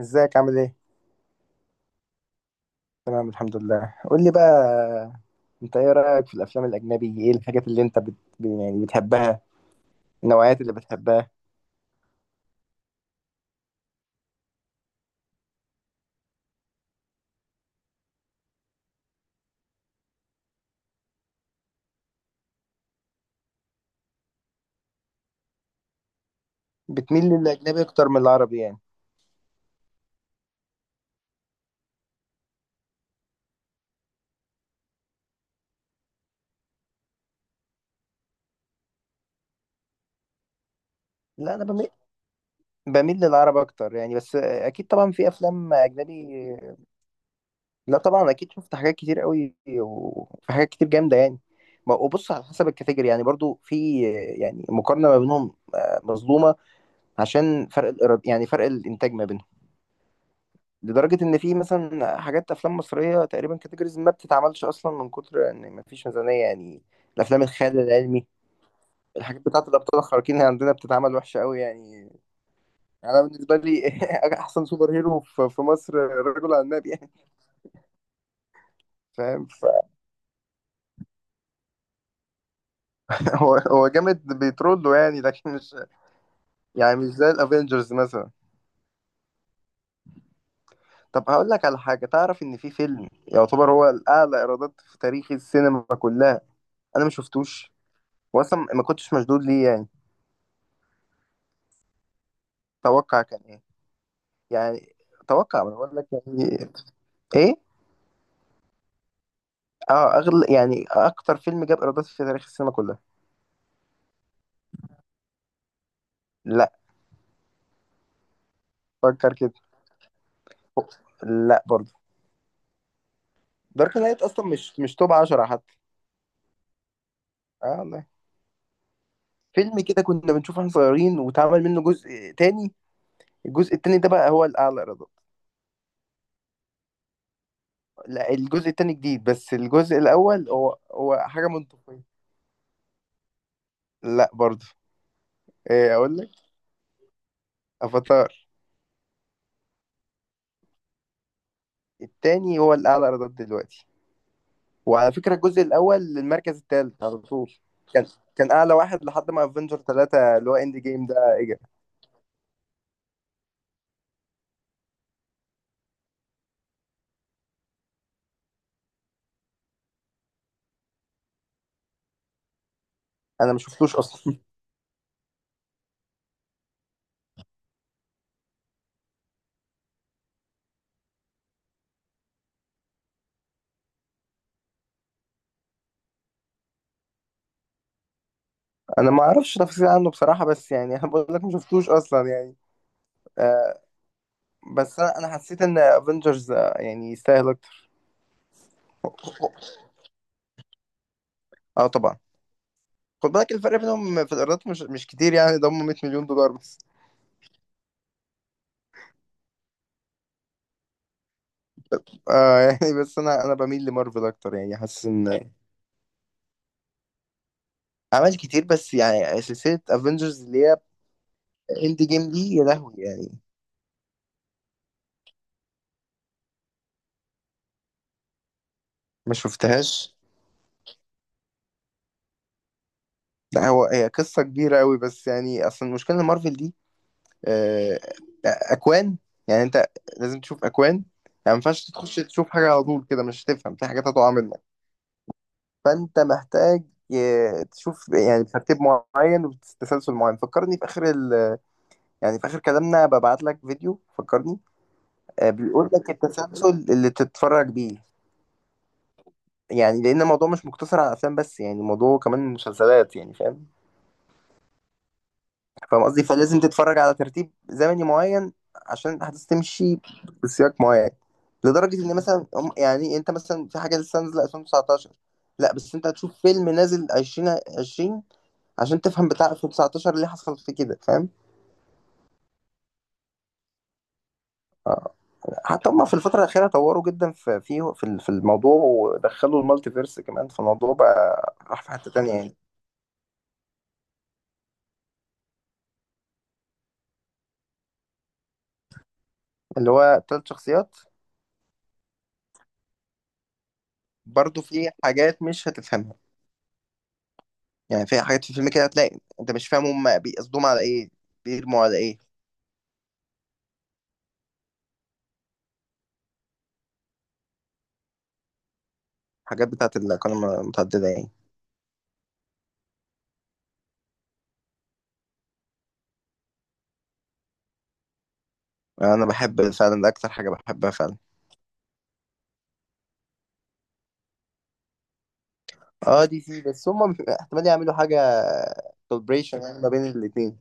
ازيك عامل ايه؟ تمام الحمد لله، قول لي بقى، انت ايه رأيك في الافلام الاجنبي، ايه الحاجات اللي انت بت... يعني بتحبها، النوعيات اللي بتحبها؟ بتميل للاجنبي اكتر من العربي يعني؟ لا، انا بميل، بميل للعرب اكتر يعني، بس اكيد طبعا في افلام اجنبي. لا طبعا، اكيد شفت حاجات كتير قوي وفي حاجات كتير جامدة يعني. وبص، على حسب الكاتيجوري يعني، برضو في يعني مقارنة ما بينهم مظلومة، عشان فرق الإيراد يعني، فرق الإنتاج ما بينهم. لدرجة إن في مثلا حاجات أفلام مصرية تقريبا كاتيجوريز ما بتتعملش أصلا، من كتر إن مفيش ميزانية يعني. الأفلام الخيال العلمي، الحاجات بتاعة الأبطال الخارقين اللي عندنا بتتعمل وحشة أوي يعني. أنا بالنسبة لي أحسن سوبر هيرو في مصر رجل على النبي يعني، فاهم؟ فهو هو جامد بيترول له يعني، لكن مش، يعني مش زي الأفينجرز مثلا. طب هقول لك على حاجة، تعرف إن في فيلم يعتبر هو الأعلى إيرادات في تاريخ السينما كلها؟ أنا ما شفتوش، وأصلا ما كنتش مشدود ليه يعني. توقع كان إيه يعني؟ توقع، ما أنا بقول لك يعني. ايه؟ اه، اغلى يعني اكتر فيلم جاب ايرادات في تاريخ السينما كلها. لا. فكر كده. لا برضه. دارك نايت اصلا مش توب 10 حتى. اه والله. فيلم كده كنا بنشوفه واحنا صغيرين، واتعمل منه جزء تاني، الجزء التاني ده بقى هو الاعلى ايرادات. لا، الجزء التاني جديد، بس الجزء الاول هو حاجه منطقيه. لا برضه. ايه اقول لك، افاتار. التاني هو الاعلى ايرادات دلوقتي. وعلى فكرة الجزء الأول للمركز الثالث على طول. كان، كان أعلى واحد لحد ما افنجر 3 اللي هو إند جيم ده إجا. أنا ما شفتوش أصلا. أنا ما أعرفش تفاصيل عنه بصراحة، بس يعني أنا بقول لك ما شفتوش أصلا يعني. آه، بس أنا حسيت إن افنجرز يعني يستاهل أكتر. أه طبعا. خد بالك الفرق بينهم في الإيرادات مش كتير يعني، ده هم 100 مليون دولار بس. آه يعني بس أنا بميل لمارفل أكتر يعني، حاسس إن عمل كتير، بس يعني سلسلة افنجرز اللي هي اند جيم دي، يا لهوي يعني، ما شفتهاش. لا، هو هي قصة كبيرة قوي، بس يعني اصلا المشكلة ان مارفل دي آه، اكوان يعني، انت لازم تشوف اكوان يعني، ما ينفعش تخش تشوف حاجة على طول كده، مش هتفهم، في حاجات هتقع منك. فانت محتاج تشوف يعني ترتيب معين وتسلسل معين. فكرني في اخر يعني في اخر كلامنا ببعت لك فيديو، فكرني. بيقول لك التسلسل اللي تتفرج بيه، يعني لان الموضوع مش مقتصر على افلام بس يعني، الموضوع كمان مسلسلات يعني، فاهم؟ فاهم قصدي، فلازم تتفرج على ترتيب زمني معين عشان الاحداث تمشي بسياق معين. لدرجه ان مثلا يعني انت مثلا في حاجه لسه نازله 2019، لا بس انت هتشوف فيلم نازل 2020 عشان تفهم بتاع 2019 اللي حصل فيه كده، فاهم؟ حتى هم في الفتره الاخيره طوروا جدا في في الموضوع، ودخلوا المالتي فيرس كمان في الموضوع، بقى راح في حته تانية يعني. اللي هو تلات شخصيات. برضو في حاجات مش هتفهمها يعني، في حاجات في الفيلم كده هتلاقي انت مش فاهم هم بيقصدوهم على ايه، بيرموا على ايه. الحاجات بتاعت الأقاليم المتعددة يعني. يعني انا بحب فعلا، ده اكتر حاجة بحبها فعلا. اه دي سي، بس هم احتمال يعملوا حاجة كولابريشن يعني ما بين الاتنين.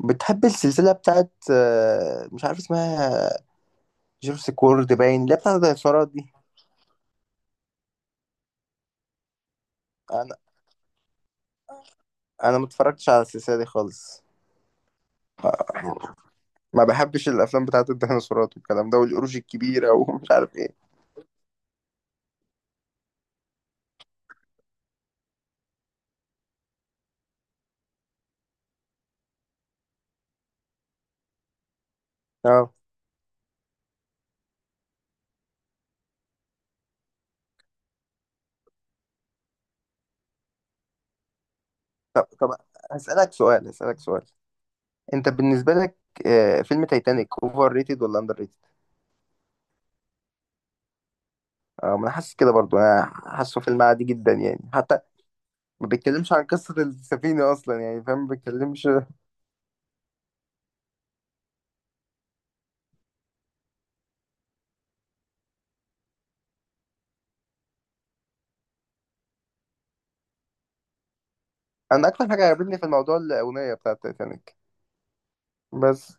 بتحب السلسلة بتاعت مش عارف اسمها، جيرس كورد باين، اللي هي بتاعت الديناصورات دي؟ انا انا ما اتفرجتش على السلسلة دي خالص، ما بحبش الافلام بتاعت الديناصورات والكلام ده والقروش الكبيرة ومش عارف ايه. اه. طب هسألك سؤال، انت بالنسبه لك فيلم تايتانيك اوفر ريتد ولا اندر ريتد؟ اه، ما انا حاسس كده برضو، انا حاسه فيلم عادي جدا يعني، حتى ما بيتكلمش عن قصه السفينه اصلا يعني، فاهم؟ ما بيتكلمش. انا اكتر حاجه عجبتني في الموضوع الاغنيه بتاعه تايتانيك بس.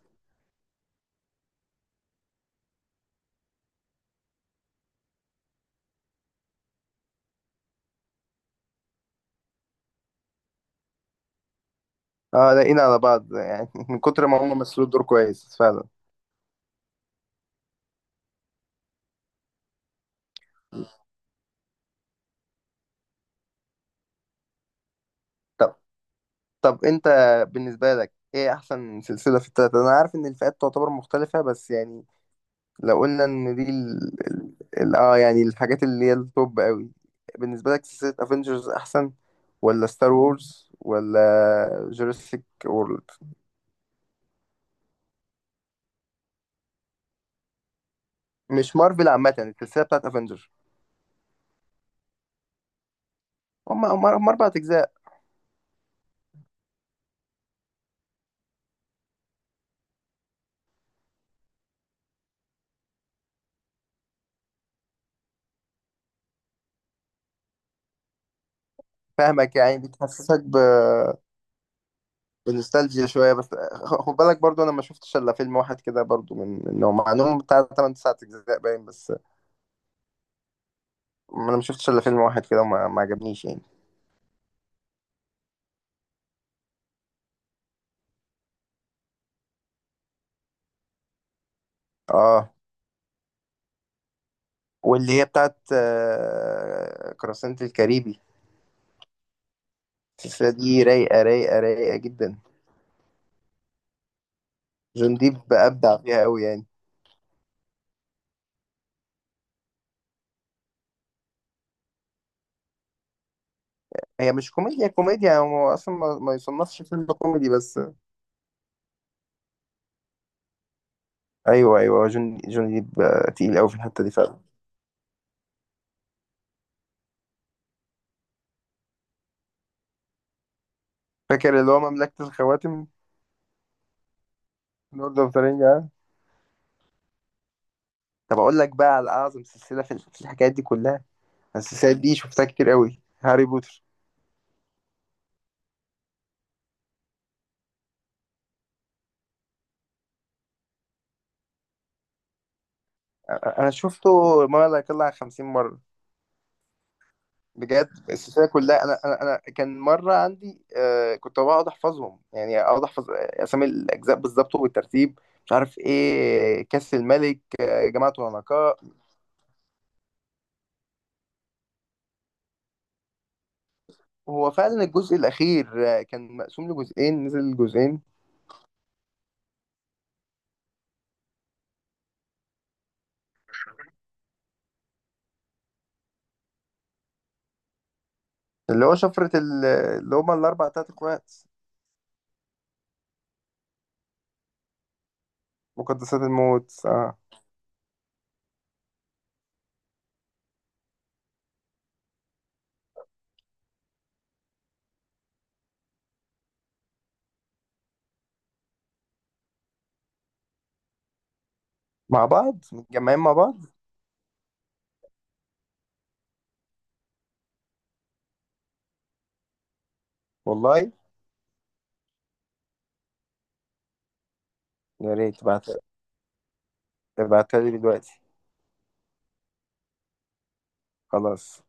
اه، لاقينا على بعض يعني من كتر ما هم مثلوا الدور كويس فعلا. طب طب انت بالنسبه لك ايه احسن سلسله في التلاته؟ انا عارف ان الفئات تعتبر مختلفه بس يعني، لو قلنا ان دي اه يعني الحاجات اللي هي التوب قوي. بالنسبة لك سلسلة افنجرز احسن ولا ستار وورز ولا جوراسيك وورلد؟ مش مارفل عامة، السلسلة بتاعت افنجر، هم اربع اجزاء. فاهمك، يعني بتحسسك بنوستالجيا شوية، بس خد بالك برضو انا ما شفتش الا فيلم واحد كده، برضو من انه، مع انهم بتاع 8 9 اجزاء باين، بس انا ما شفتش الا فيلم واحد كده وما ما عجبنيش يعني. اه. واللي هي بتاعت قراصنة الكاريبي، السلسلة دي رايقة رايقة رايقة جدا. جون ديب أبدع فيها أوي يعني. هي مش كوميديا كوميديا، هو أصلا ما يصنفش فيلم كوميدي، بس أيوه أيوه هو جون ديب تقيل أوي في الحتة دي فعلا. فاكر اللي هو مملكة الخواتم؟ لورد أوف ذا رينج آه؟ طب أقول لك بقى على أعظم سلسلة في الحكايات دي كلها، السلسلة دي شفتها كتير أوي، هاري بوتر. أنا شفته ما لا يقل عن 50 مرة. بجد السلسله كلها، انا كان مره عندي آه كنت بقعد احفظهم يعني، اقعد احفظ اسامي الاجزاء بالظبط وبالترتيب، مش عارف ايه كاس الملك، آه جماعه العنقاء. هو فعلا الجزء الاخير آه كان مقسوم لجزئين، نزل جزئين. اللي هو شفره اللي هما الاربع تلات اخوات، مقدسات الموت، اه، مع بعض متجمعين مع بعض. والله يا ريت تبعت، تبعتها لي دلوقتي. خلاص.